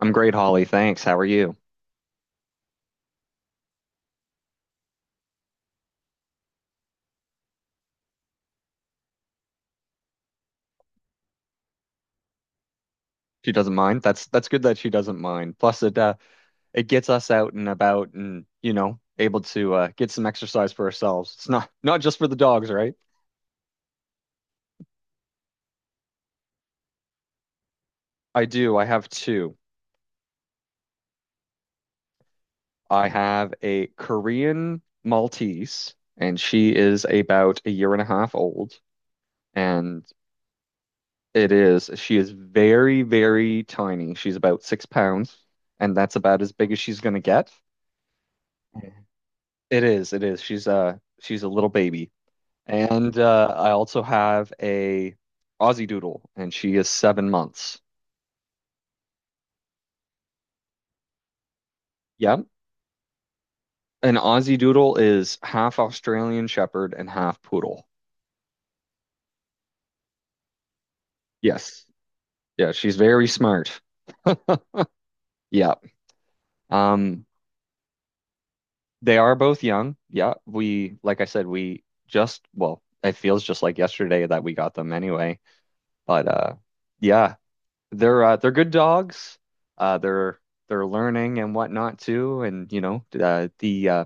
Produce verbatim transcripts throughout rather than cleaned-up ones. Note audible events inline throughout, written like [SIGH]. I'm great, Holly. Thanks. How are you? She doesn't mind. That's that's good that she doesn't mind. Plus, it uh, it gets us out and about, and you know, able to uh, get some exercise for ourselves. It's not not just for the dogs, right? I do. I have two. I have a Korean Maltese, and she is about a year and a half old. And it is she is very, very tiny. She's about six pounds, and that's about as big as she's gonna get. Mhm. It is, it is. She's uh she's a little baby. And uh, I also have a Aussie Doodle, and she is seven months. Yep. An Aussie Doodle is half Australian Shepherd and half poodle. Yes. Yeah, she's very smart. [LAUGHS] Yeah. Um, they are both young. Yeah. We, like I said, we just, well, it feels just like yesterday that we got them anyway. But uh yeah, they're uh, they're good dogs. Uh they're they're learning and whatnot too. And you know, uh, the uh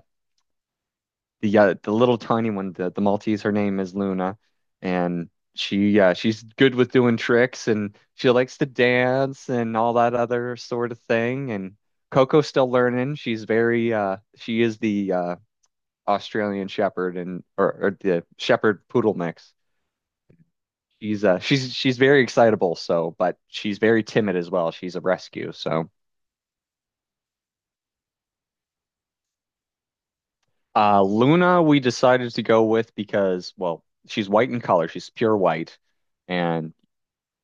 the uh, the little tiny one, the the Maltese, her name is Luna, and she yeah, she's good with doing tricks and she likes to dance and all that other sort of thing. And Coco's still learning. She's very uh she is the uh Australian Shepherd and or, or the Shepherd Poodle mix. She's uh she's she's very excitable, so but she's very timid as well. She's a rescue, so uh Luna we decided to go with because well, she's white in color. She's pure white and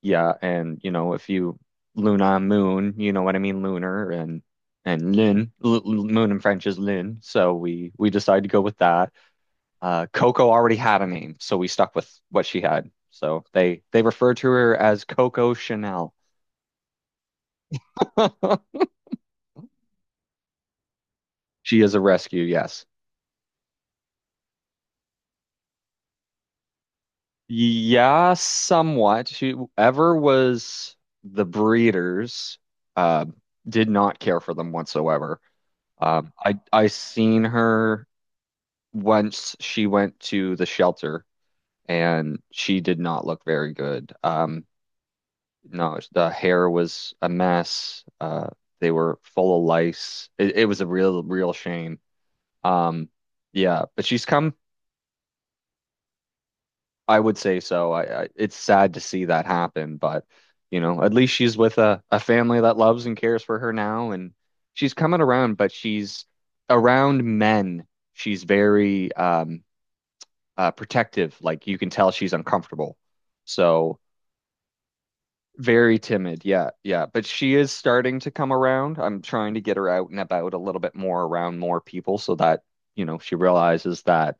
yeah, and you know, if you Luna moon, you know what I mean, lunar and and lin l l- moon in French is lin, so we we decided to go with that. Uh, Coco already had a name, so we stuck with what she had. So they they refer to her as Coco Chanel. [LAUGHS] She is a rescue, yes. Yeah, somewhat. Whoever was the breeders uh, did not care for them whatsoever. Um, I I seen her once she went to the shelter and she did not look very good. Um, no, the hair was a mess. Uh, they were full of lice. It, it was a real, real shame. Um, yeah, but she's come. I would say so. I, I it's sad to see that happen, but you know, at least she's with a, a family that loves and cares for her now, and she's coming around, but she's around men. She's very um uh, protective. Like you can tell she's uncomfortable. So very timid. Yeah, yeah. But she is starting to come around. I'm trying to get her out and about a little bit more around more people so that, you know, she realizes that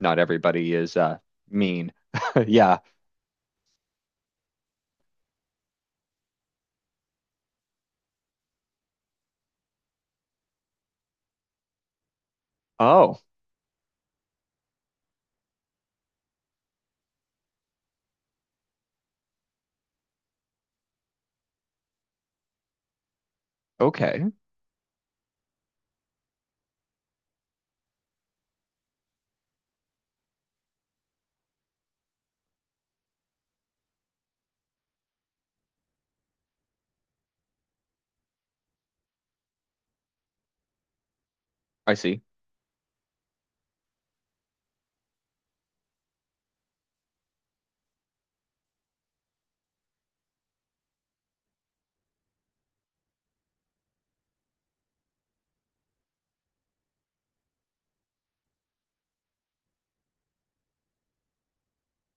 not everybody is uh mean. [LAUGHS] Yeah. Oh, okay. I see.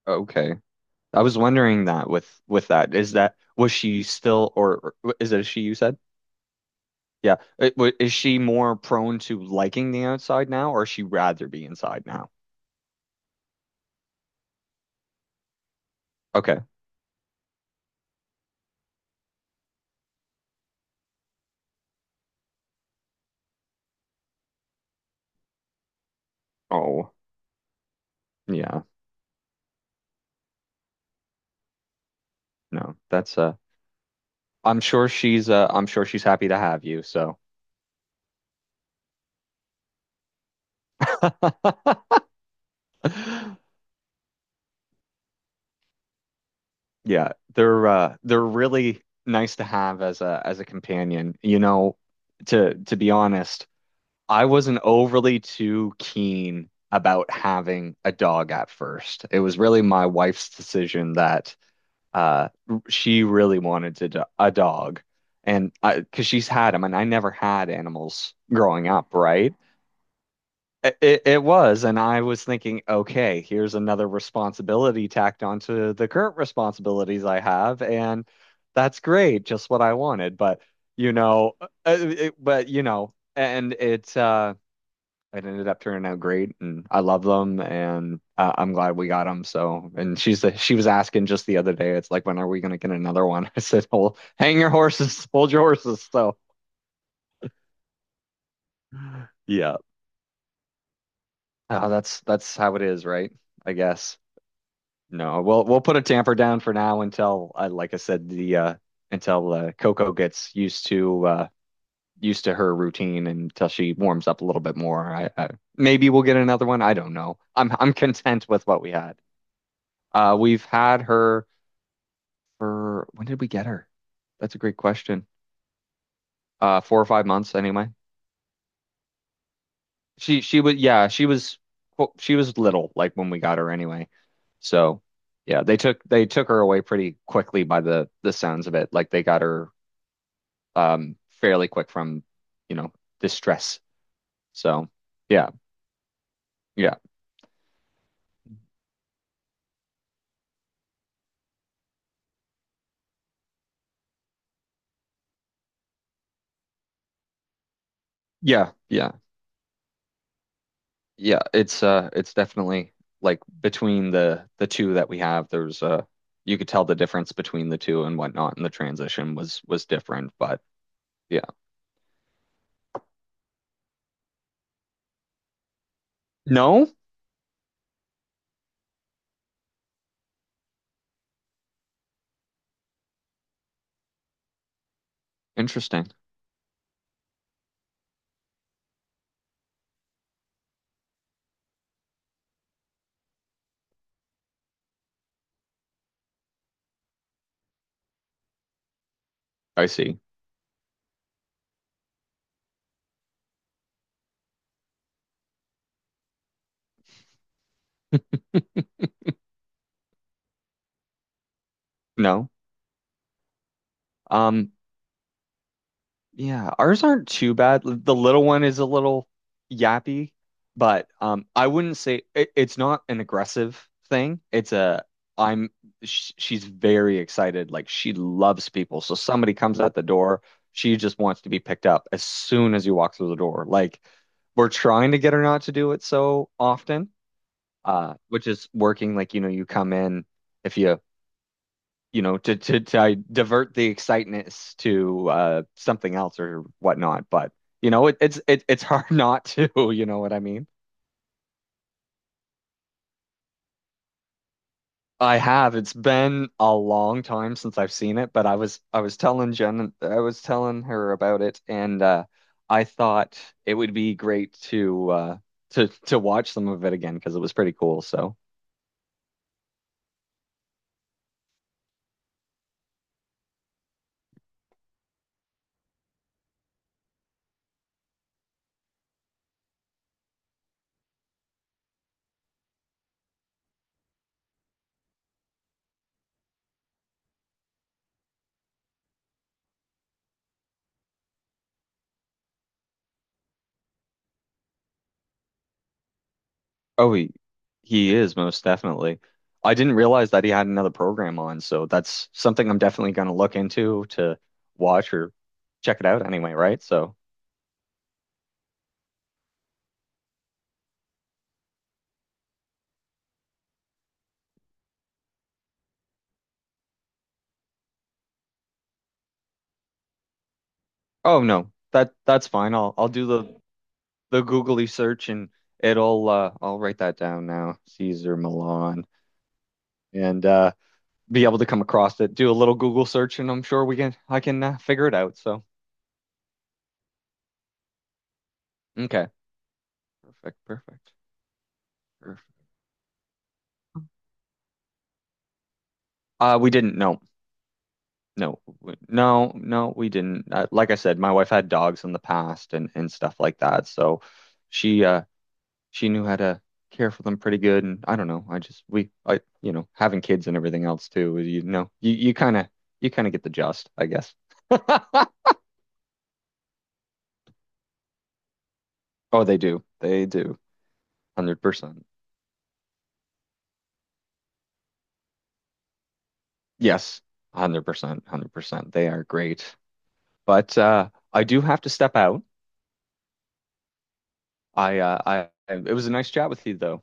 Okay. I was wondering that with with that. Is that was she still or or- is it a she you said? Yeah. It- wa- Is she more prone to liking the outside now or is she rather be inside now? Okay. Oh. Yeah, no, that's uh I'm sure she's uh I'm sure she's happy to have you, so [LAUGHS] yeah, they're uh they're really nice to have as a as a companion. You know, to to be honest, I wasn't overly too keen about having a dog at first. It was really my wife's decision that uh she really wanted to do a dog. And I, because she's had them, and I never had animals growing up, right? It, it it was, and I was thinking, okay, here's another responsibility tacked onto the current responsibilities I have, and that's great, just what I wanted. But you know, uh, uh, it, but you know, and it uh, it ended up turning out great, and I love them, and uh, I'm glad we got them. So, and she's the, she was asking just the other day, it's like, when are we gonna get another one? [LAUGHS] I said, well, hang your horses, hold your horses. So, yeah, uh, that's that's how it is, right? I guess. No, we'll we'll put a tamper down for now until uh, like I said, the uh until uh, Coco gets used to uh used to her routine and until she warms up a little bit more. I, I maybe we'll get another one. I don't know. I'm I'm content with what we had. Uh we've had her for when did we get her? That's a great question. Uh four or five months anyway. She she was yeah, she was well, she was little like when we got her anyway. So yeah, they took they took her away pretty quickly by the the sounds of it. Like they got her um, fairly quick from, you know, distress. So yeah, yeah, yeah, yeah, yeah. It's uh, it's definitely like between the the two that we have, there's uh, you could tell the difference between the two and whatnot, and the transition was was different. But yeah, no, interesting. I see. No, um, yeah, ours aren't too bad. L- The little one is a little yappy, but um, I wouldn't say it, it's not an aggressive thing. It's a I'm sh she's very excited. Like she loves people. So somebody comes at the door, she just wants to be picked up as soon as you walk through the door. Like we're trying to get her not to do it so often, uh, which is working. Like you know, you come in if you you know, to to, to uh, divert the excitement to uh, something else or whatnot. But you know, it, it's it, it's [LAUGHS] hard not to. You know what I mean? I have. It's been a long time since I've seen it, but I was I was telling Jen, I was telling her about it, and uh, I thought it would be great to uh, to to watch some of it again because it was pretty cool. So. Oh, he, he is most definitely. I didn't realize that he had another program on, so that's something I'm definitely going to look into to watch or check it out anyway, right? So, oh no, that that's fine. I'll I'll do the the googly search and it'll uh I'll write that down now. Caesar Milan and uh be able to come across it. Do a little Google search and I'm sure we can I can uh, figure it out. So, okay. Perfect, perfect. Perfect. Uh we didn't know. No, w- no, no, we didn't. Uh, like I said, my wife had dogs in the past and and stuff like that, so she uh she knew how to care for them pretty good. And I don't know, I just we I you know, having kids and everything else too, you know, you you kind of you kind of get the gist, I guess. [LAUGHS] Oh, they do, they do, one hundred percent. Yes, one hundred percent, one hundred percent. They are great, but uh, I do have to step out. I uh I it was a nice chat with you though.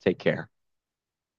Take care.